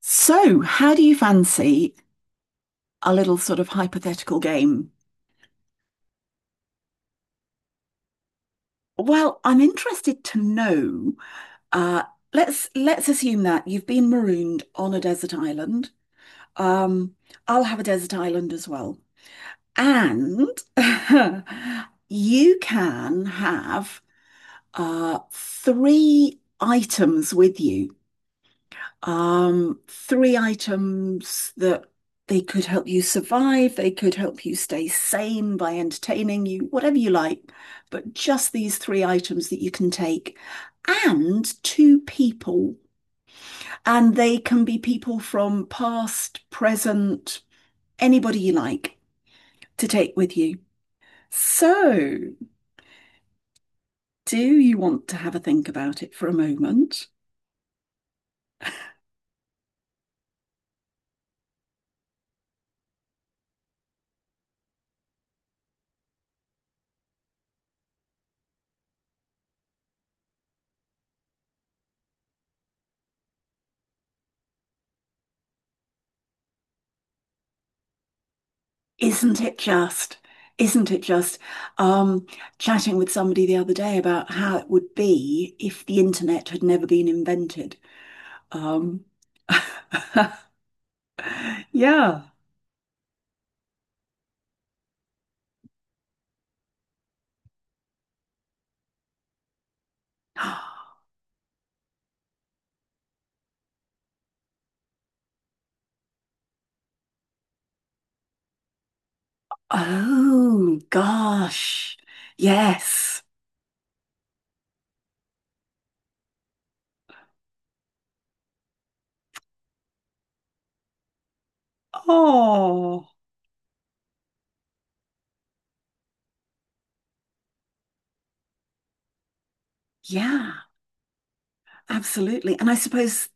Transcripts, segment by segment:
So, how do you fancy a little sort of hypothetical game? Well, I'm interested to know. Uh, let's assume that you've been marooned on a desert island. Um, I'll have a desert island as well, and you can have three items with you. Three items that they could help you survive, they could help you stay sane by entertaining you, whatever you like, but just these three items that you can take. And two people, and they can be people from past, present, anybody you like to take with you. So, do you want to have a think about it for a moment? Isn't it just? Isn't it just? Um, chatting with somebody the other day about how it would be if the internet had never been invented. Um, yeah. Oh, gosh. Yes. Oh, yeah, absolutely. And I suppose,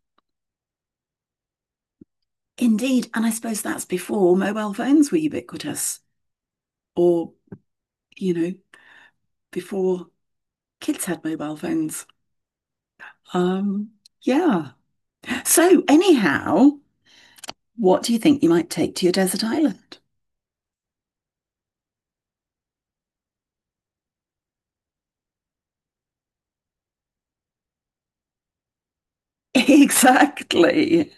indeed, and I suppose that's before mobile phones were ubiquitous, or, you know, before kids had mobile phones. Um, yeah. So, anyhow, what do you think you might take to your desert island? Exactly.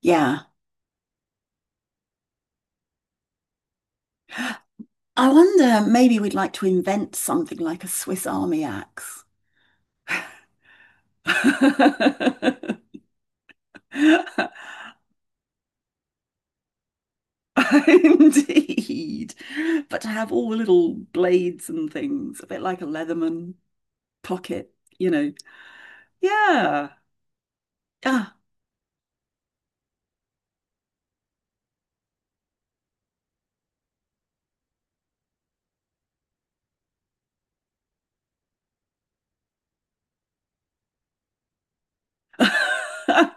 Yeah. I wonder, maybe we'd like to invent something like a Swiss Army axe. Indeed. But to have all the little blades and things, a bit like a Leatherman pocket, you know. Yeah. Ah.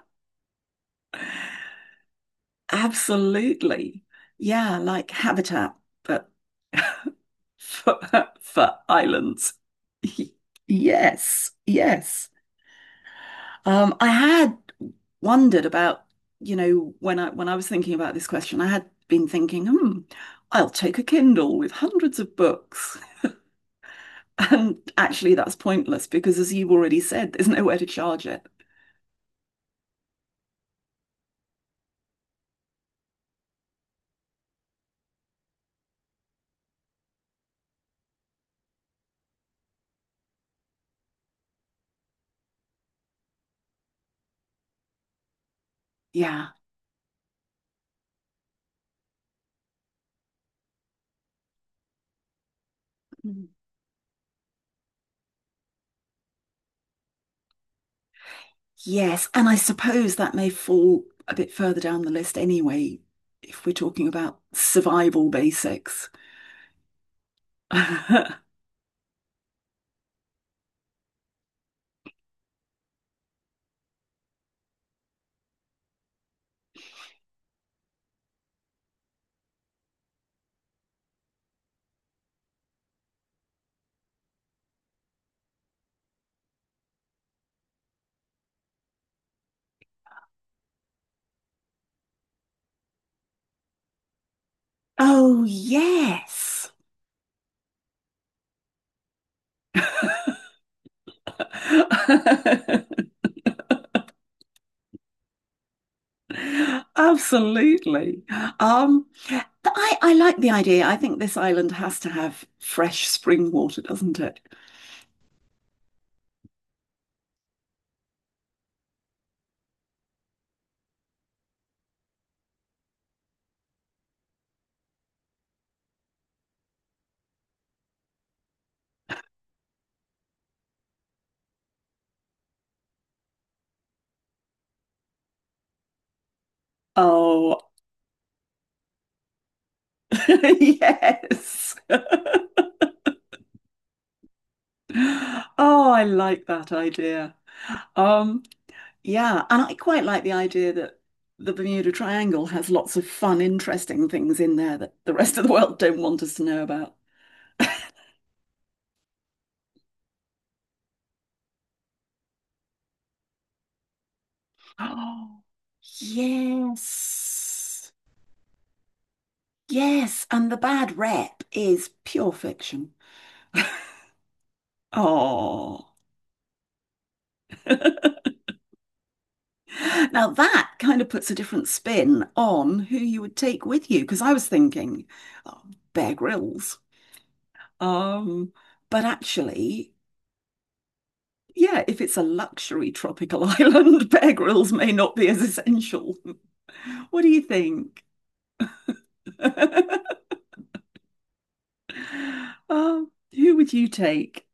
Absolutely. Yeah, like habitat, but for, for islands. Yes, yes. I had wondered about, when I was thinking about this question, I had been thinking, I'll take a Kindle with hundreds of books. And actually that's pointless because as you've already said, there's nowhere to charge it. Yeah. Mm. Yes, and I suppose that may fall a bit further down the list anyway, if we're talking about survival basics. Oh, yes. Absolutely. Um, I like the idea. I think this island has to have fresh spring water, doesn't it? Oh, yes. Oh, I like that idea. Um, yeah, and I quite like the idea that the Bermuda Triangle has lots of fun, interesting things in there that the rest of the world don't want us to know about. Oh, yes. Yes, and the bad rep is pure fiction. Oh. Now that kind of puts a different spin on who you would take with you, because I was thinking, oh, Bear Grylls. Um, but actually, yeah, if it's a luxury tropical island, Bear Grylls may not be as essential. What do you think? Who would you take?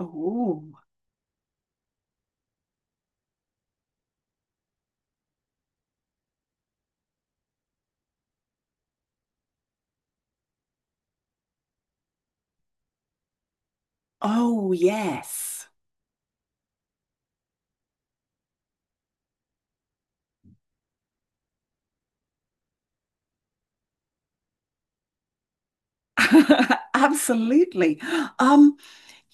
Oh, oh yes, absolutely. Um,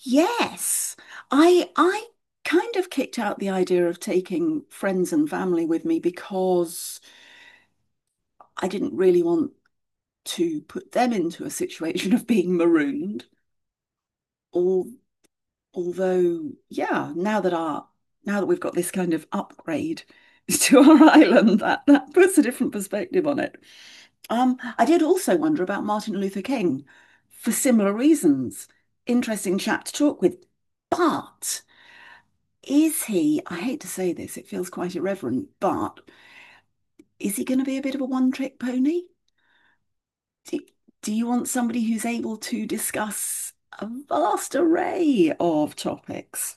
Yes. I kind of kicked out the idea of taking friends and family with me because I didn't really want to put them into a situation of being marooned. Al although, yeah, now that our now that we've got this kind of upgrade to our island, that puts a different perspective on it. I did also wonder about Martin Luther King for similar reasons. Interesting chap to talk with, but is he, I hate to say this, it feels quite irreverent, but is he going to be a bit of a one-trick pony? Do, do you want somebody who's able to discuss a vast array of topics?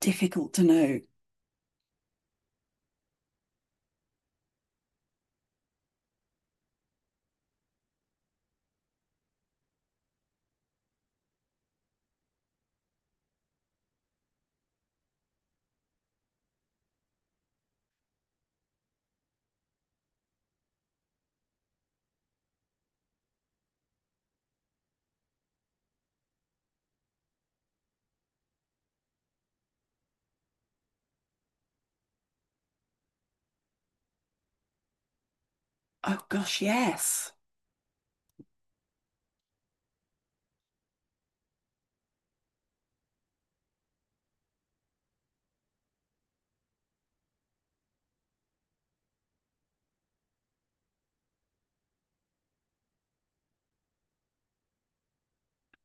Difficult to know. Oh gosh, yes.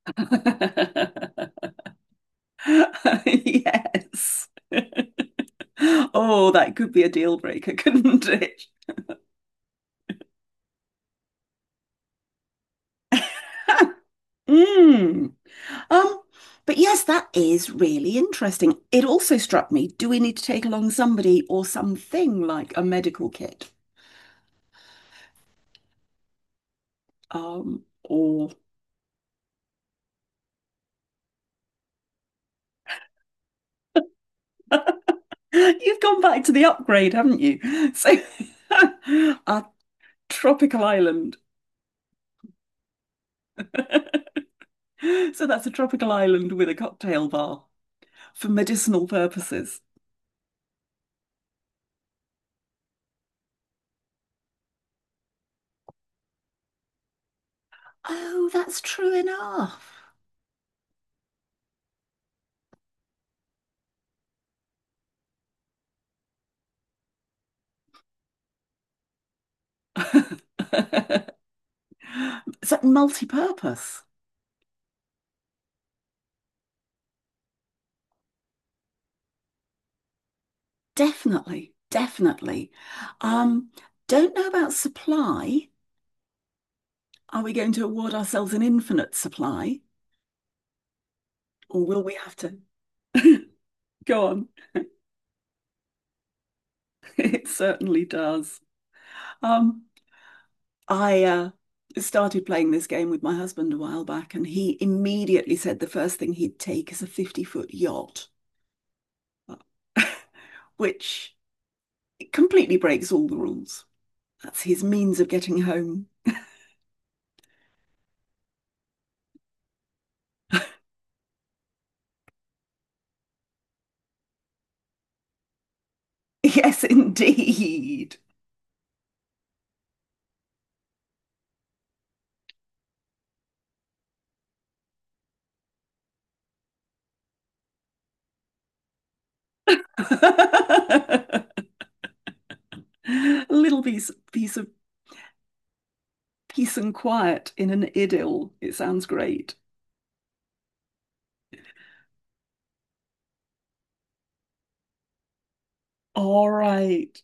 Yes. Oh, that could be a deal breaker, couldn't it? Mm. Um, but yes, that is really interesting. It also struck me, do we need to take along somebody or something like a medical kit? Or you've gone back to the upgrade, haven't you? So a tropical island. So that's a tropical island with a cocktail bar for medicinal purposes. Oh, that's true enough. So multi-purpose. Definitely, definitely. Um, don't know about supply. Are we going to award ourselves an infinite supply, or will we have to go on? It certainly does. Um, I started playing this game with my husband a while back, and he immediately said the first thing he'd take is a 50-foot yacht, which completely breaks all the rules. That's his means of getting home. Yes, indeed. A little piece of peace and quiet in an idyll. It sounds great. All right.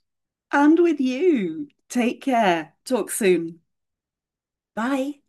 And with you. Take care. Talk soon. Bye.